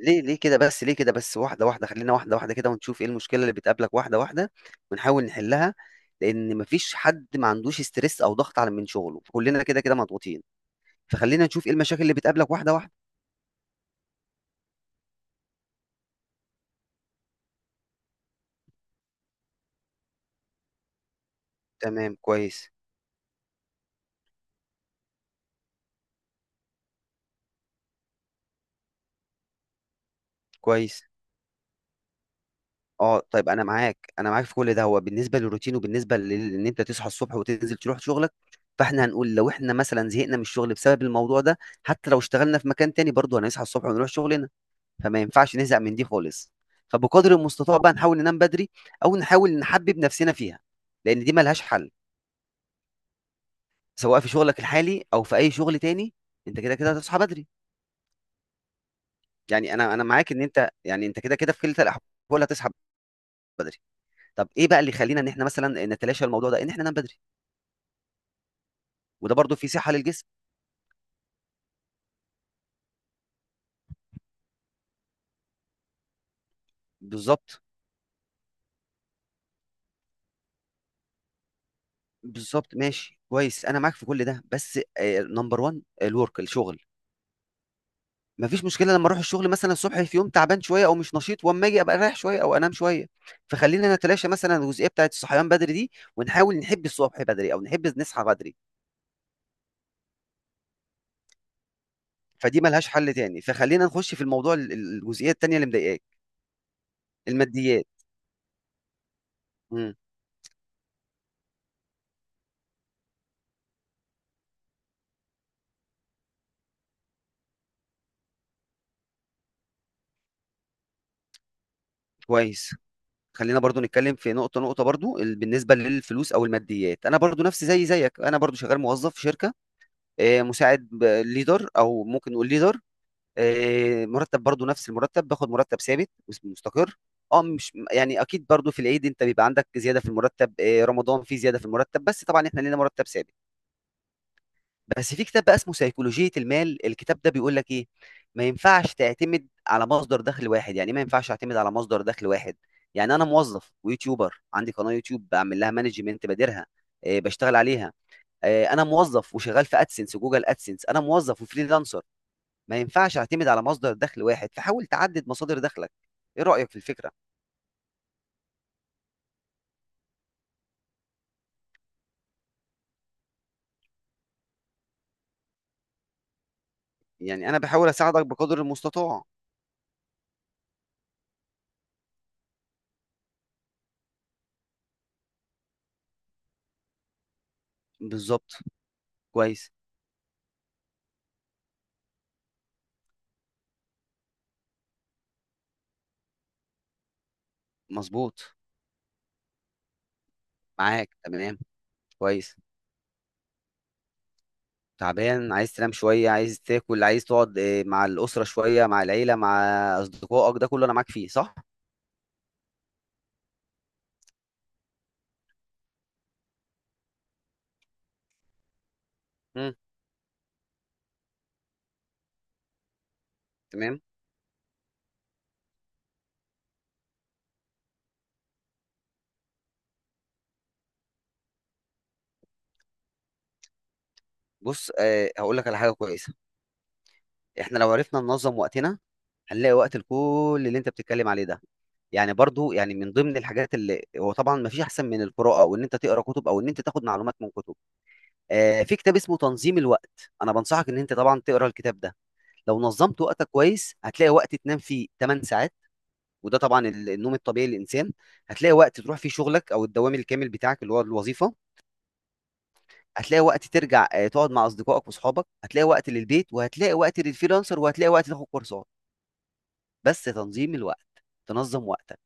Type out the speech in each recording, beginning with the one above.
ليه كده بس، ليه كده بس، واحدة واحدة، خلينا واحدة واحدة كده ونشوف ايه المشكلة اللي بتقابلك واحدة واحدة ونحاول نحلها. لأن مفيش حد ما عندوش ستريس أو ضغط على من شغله، كلنا كده كده مضغوطين. فخلينا نشوف ايه المشاكل اللي بتقابلك واحدة واحدة. تمام، كويس. كويس. اه طيب، انا معاك، انا معاك في كل ده. هو بالنسبه للروتين وبالنسبه ان انت تصحى الصبح وتنزل تروح شغلك، فاحنا هنقول لو احنا مثلا زهقنا من الشغل بسبب الموضوع ده، حتى لو اشتغلنا في مكان تاني برضه هنصحى الصبح ونروح شغلنا. فما ينفعش نزهق من دي خالص. فبقدر المستطاع بقى نحاول ننام بدري، او نحاول نحبب نفسنا فيها، لان دي ملهاش حل. سواء في شغلك الحالي او في اي شغل تاني، انت كده كده هتصحى بدري. يعني انا معاك ان انت، يعني انت كده كده في كلتا الاحوال هتصحى بدري. طب ايه بقى اللي يخلينا ان احنا مثلا نتلاشى الموضوع ده، ان احنا ننام بدري؟ وده برضو في صحة للجسم. بالظبط. بالظبط، ماشي كويس، انا معاك في كل ده، بس نمبر 1 الورك، الشغل. مفيش مشكله لما اروح الشغل مثلا الصبح في يوم تعبان شويه او مش نشيط، واما اجي ابقى رايح شويه او انام شويه. فخلينا نتلاشى مثلا الجزئيه بتاعت الصحيان بدري دي، ونحاول نحب الصبح بدري او نحب نصحى بدري. فدي ملهاش حل تاني، فخلينا نخش في الموضوع الجزئيه التانيه اللي مضايقاك، الماديات. امم. كويس، خلينا برضو نتكلم في نقطه نقطه. برضو بالنسبه للفلوس او الماديات، انا برضو نفسي زي زيك، انا برضو شغال موظف في شركه، مساعد ليدر او ممكن نقول ليدر. مرتب برضو نفس المرتب، باخد مرتب ثابت مستقر. اه مش يعني اكيد، برضو في العيد انت بيبقى عندك زياده في المرتب، رمضان في زياده في المرتب، بس طبعا احنا لينا مرتب ثابت. بس في كتاب بقى اسمه سيكولوجيه المال، الكتاب ده بيقول لك ايه؟ ما ينفعش تعتمد على مصدر دخل واحد. يعني إيه ما ينفعش اعتمد على مصدر دخل واحد؟ يعني انا موظف ويوتيوبر، عندي قناه يوتيوب بعمل لها مانجمنت، بديرها، بشتغل عليها. انا موظف وشغال في ادسنس وجوجل ادسنس، انا موظف وفريلانسر. ما ينفعش اعتمد على مصدر دخل واحد، فحاول تعدد مصادر دخلك. ايه رأيك في الفكرة؟ يعني انا بحاول اساعدك بقدر المستطاع. بالظبط. كويس. مظبوط، معاك، تمام. كويس. تعبان، عايز تنام شوية، عايز تاكل، عايز تقعد مع الأسرة شوية، مع العيلة، مع أصدقائك، ده كله أنا معاك فيه، صح؟ مم. تمام. بص، أه هقول لك على حاجة كويسة. احنا لو عرفنا ننظم وقتنا هنلاقي وقت لكل اللي انت بتتكلم عليه ده. يعني برضو، يعني من ضمن الحاجات اللي هو طبعا ما فيش احسن من القراءه، او ان انت تقرا كتب، او ان انت تاخد معلومات من كتب. آه، في كتاب اسمه تنظيم الوقت، انا بنصحك ان انت طبعا تقرا الكتاب ده. لو نظمت وقتك كويس هتلاقي وقت تنام فيه 8 ساعات، وده طبعا النوم الطبيعي للانسان. هتلاقي وقت تروح فيه شغلك او الدوام الكامل بتاعك اللي هو الوظيفه، هتلاقي وقت ترجع تقعد مع اصدقائك واصحابك، هتلاقي وقت للبيت، وهتلاقي وقت للفريلانسر، وهتلاقي وقت تاخد كورسات. بس تنظيم الوقت، تنظم وقتك،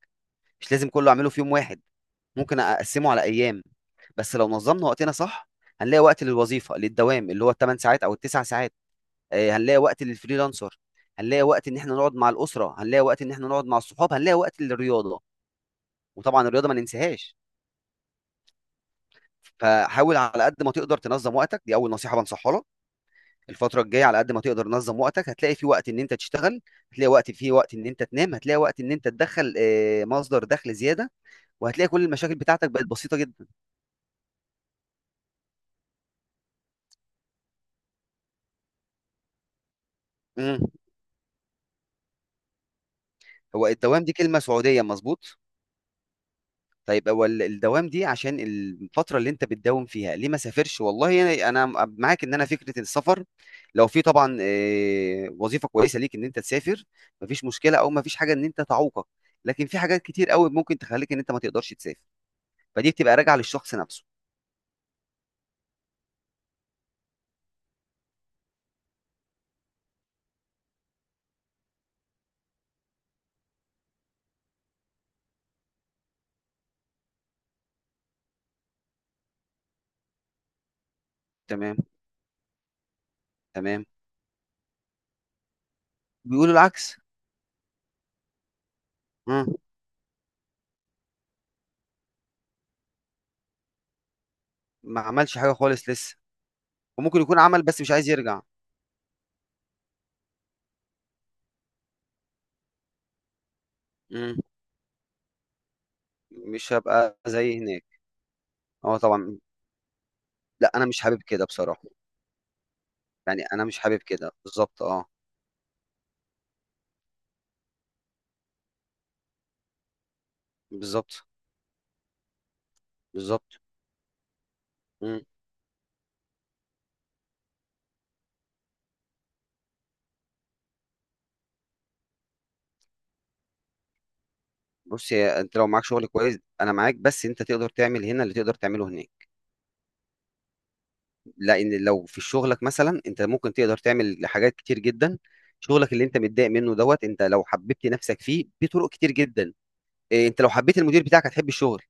مش لازم كله اعمله في يوم واحد، ممكن اقسمه على ايام. بس لو نظمنا وقتنا صح هنلاقي وقت للوظيفه، للدوام اللي هو 8 ساعات او 9 ساعات، هنلاقي وقت للفريلانسر، هنلاقي وقت ان احنا نقعد مع الاسره، هنلاقي وقت ان احنا نقعد مع الصحاب، هنلاقي وقت للرياضه، وطبعا الرياضه ما ننساهاش. فحاول على قد ما تقدر تنظم وقتك، دي اول نصيحه بنصحها لك. الفتره الجايه على قد ما تقدر تنظم وقتك، هتلاقي في وقت ان انت تشتغل، هتلاقي وقت في وقت ان انت تنام، هتلاقي وقت ان انت تدخل مصدر دخل زياده، وهتلاقي كل المشاكل بتاعتك بقت بسيطة جدا. امم هو الدوام دي كلمة سعودية، مظبوط. طيب هو الدوام دي عشان الفترة اللي انت بتداوم فيها. ليه ما سافرش؟ والله انا، انا معاك ان انا فكرة السفر، لو في طبعا وظيفة كويسة ليك ان انت تسافر، مفيش مشكلة او مفيش حاجة ان انت تعوقك. لكن في حاجات كتير قوي ممكن تخليك ان انت ما تقدرش تسافر، فدي بتبقى راجعة للشخص نفسه. تمام. تمام. بيقولوا العكس. امم. ما عملش حاجة خالص لسه، وممكن يكون عمل بس مش عايز يرجع. امم. مش هبقى زي هناك. اه طبعا. لا انا مش حابب كده بصراحه، يعني انا مش حابب كده بالظبط، اه. بالظبط. بالظبط. مم. بص يا انت، لو معاك شغل كويس انا معاك، بس انت تقدر تعمل هنا اللي تقدر تعمله هناك. لان لو في شغلك مثلا انت ممكن تقدر تعمل حاجات كتير جدا. شغلك اللي انت متضايق منه دوت، انت لو حببت نفسك فيه بطرق كتير جدا. إيه، انت لو حبيت المدير بتاعك هتحب الشغل،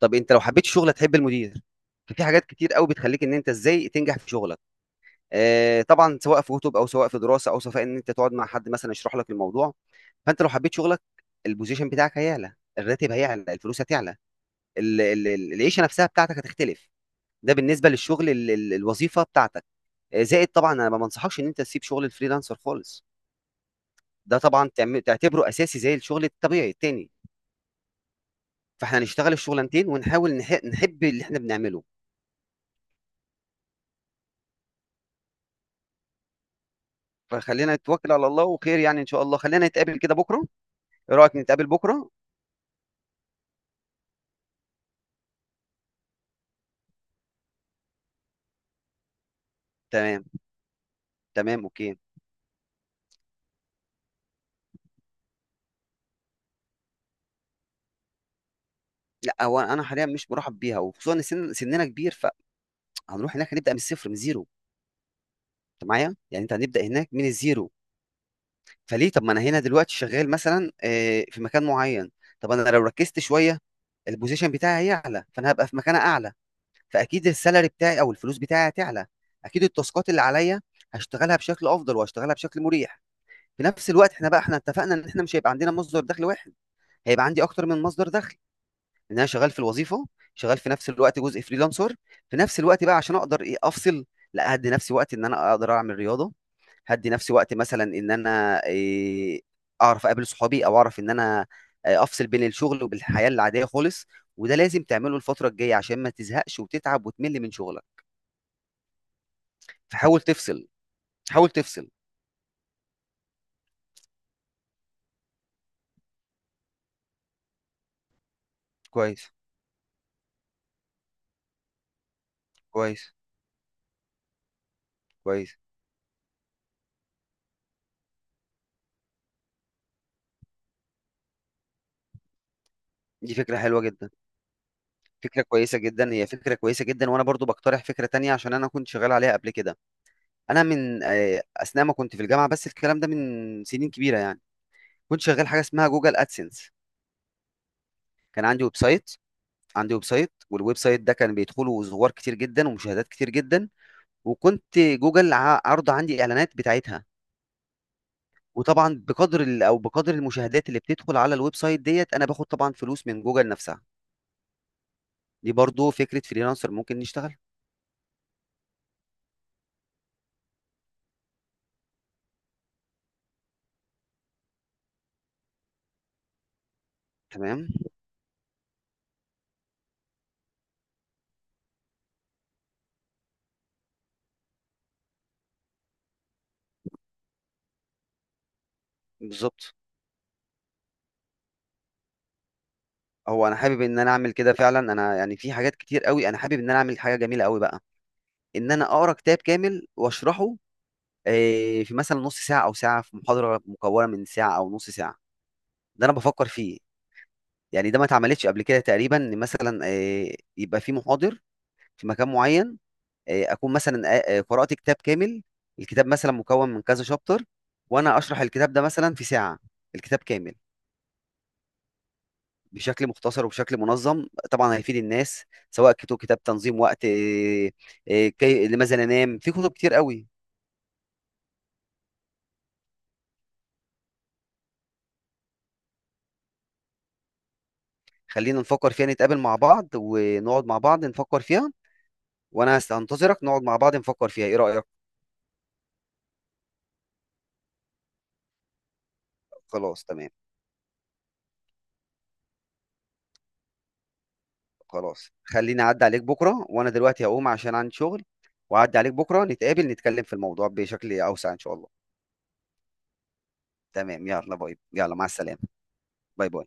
طب انت لو حبيت الشغل هتحب المدير. ففي حاجات كتير قوي بتخليك ان انت ازاي تنجح في شغلك، طبعا سواء في كتب او سواء في دراسه، او سواء ان انت تقعد مع حد مثلا يشرح لك الموضوع. فانت لو حبيت شغلك، البوزيشن بتاعك هيعلى، الراتب هيعلى، الفلوس هتعلى، العيشه نفسها بتاعتك هتختلف. ده بالنسبه للشغل، الوظيفه بتاعتك. زائد طبعا، انا ما بنصحكش ان انت تسيب شغل الفريلانسر خالص. ده طبعا تعتبره اساسي زي الشغل الطبيعي التاني. فاحنا نشتغل الشغلانتين ونحاول نحب اللي احنا بنعمله. فخلينا نتوكل على الله وخير، يعني ان شاء الله خلينا نتقابل كده بكره. ايه رايك نتقابل بكره؟ تمام. تمام، اوكي. لا هو انا حاليا مش مرحب بيها، وخصوصا ان سننا كبير، فهنروح هناك هنبدا من الصفر، من زيرو. انت معايا، يعني انت هنبدا هناك من الزيرو. فليه؟ طب ما انا هنا دلوقتي شغال مثلا في مكان معين. طب انا لو ركزت شويه البوزيشن بتاعي هيعلى، فانا هبقى في مكان اعلى، فاكيد السالري بتاعي او الفلوس بتاعي هتعلى. اكيد التاسكات اللي عليا هشتغلها بشكل افضل وهشتغلها بشكل مريح. في نفس الوقت، احنا بقى احنا اتفقنا ان احنا مش هيبقى عندنا مصدر دخل واحد، هيبقى عندي اكتر من مصدر دخل، ان انا شغال في الوظيفه، شغال في نفس الوقت جزء فريلانسر، في نفس الوقت بقى عشان اقدر ايه افصل. لا، هدي نفسي وقت ان انا اقدر اعمل رياضه، هدي نفسي وقت مثلا ان انا إيه، اعرف اقابل صحابي، او اعرف ان انا افصل بين الشغل وبالحياه العاديه خالص. وده لازم تعمله الفتره الجايه عشان ما تزهقش وتتعب وتمل من شغلك. فحاول تفصل، حاول تفصل. كويس. كويس. كويس. دي فكره حلوه جدا. فكره كويسه جدا، هي فكره كويسه جدا، وانا برضو بقترح فكره تانية عشان انا كنت شغال عليها قبل كده. انا من اثناء ما كنت في الجامعه، بس الكلام ده من سنين كبيره يعني، كنت شغال حاجه اسمها جوجل ادسنس. كان عندي ويب سايت، عندي ويب سايت، والويب سايت ده كان بيدخله زوار كتير جدا ومشاهدات كتير جدا، وكنت جوجل عارضه عندي اعلانات بتاعتها. وطبعا بقدر او بقدر المشاهدات اللي بتدخل على الويب سايت ديت انا باخد طبعا فلوس من جوجل نفسها. دي برضو فكره فريلانسر ممكن نشتغل. تمام. بالظبط. هو انا حابب ان انا اعمل كده فعلا، انا يعني في حاجات كتير قوي انا حابب ان انا اعمل حاجه جميله قوي بقى، ان انا اقرا كتاب كامل واشرحه في مثلا نص ساعه او ساعه، في محاضره مكونه من ساعه او نص ساعه. ده انا بفكر فيه، يعني ده ما اتعملتش قبل كده تقريبا، ان مثلا يبقى في محاضر في مكان معين، اكون مثلا قرات كتاب كامل، الكتاب مثلا مكون من كذا شابتر، وانا اشرح الكتاب ده مثلا في ساعه، الكتاب كامل، بشكل مختصر وبشكل منظم، طبعا هيفيد الناس. سواء كتب كتاب تنظيم وقت لماذا ننام، في كتب كتير قوي. خلينا نفكر فيها، نتقابل مع بعض ونقعد مع بعض نفكر فيها، وانا هنتظرك، نقعد مع بعض نفكر فيها. ايه رأيك؟ خلاص، تمام. خلاص، خليني اعدي عليك بكرة، وانا دلوقتي هقوم عشان عندي شغل، واعدي عليك بكرة نتقابل نتكلم في الموضوع بشكل اوسع ان شاء الله. تمام، يلا باي، يلا مع السلامة. باي باي.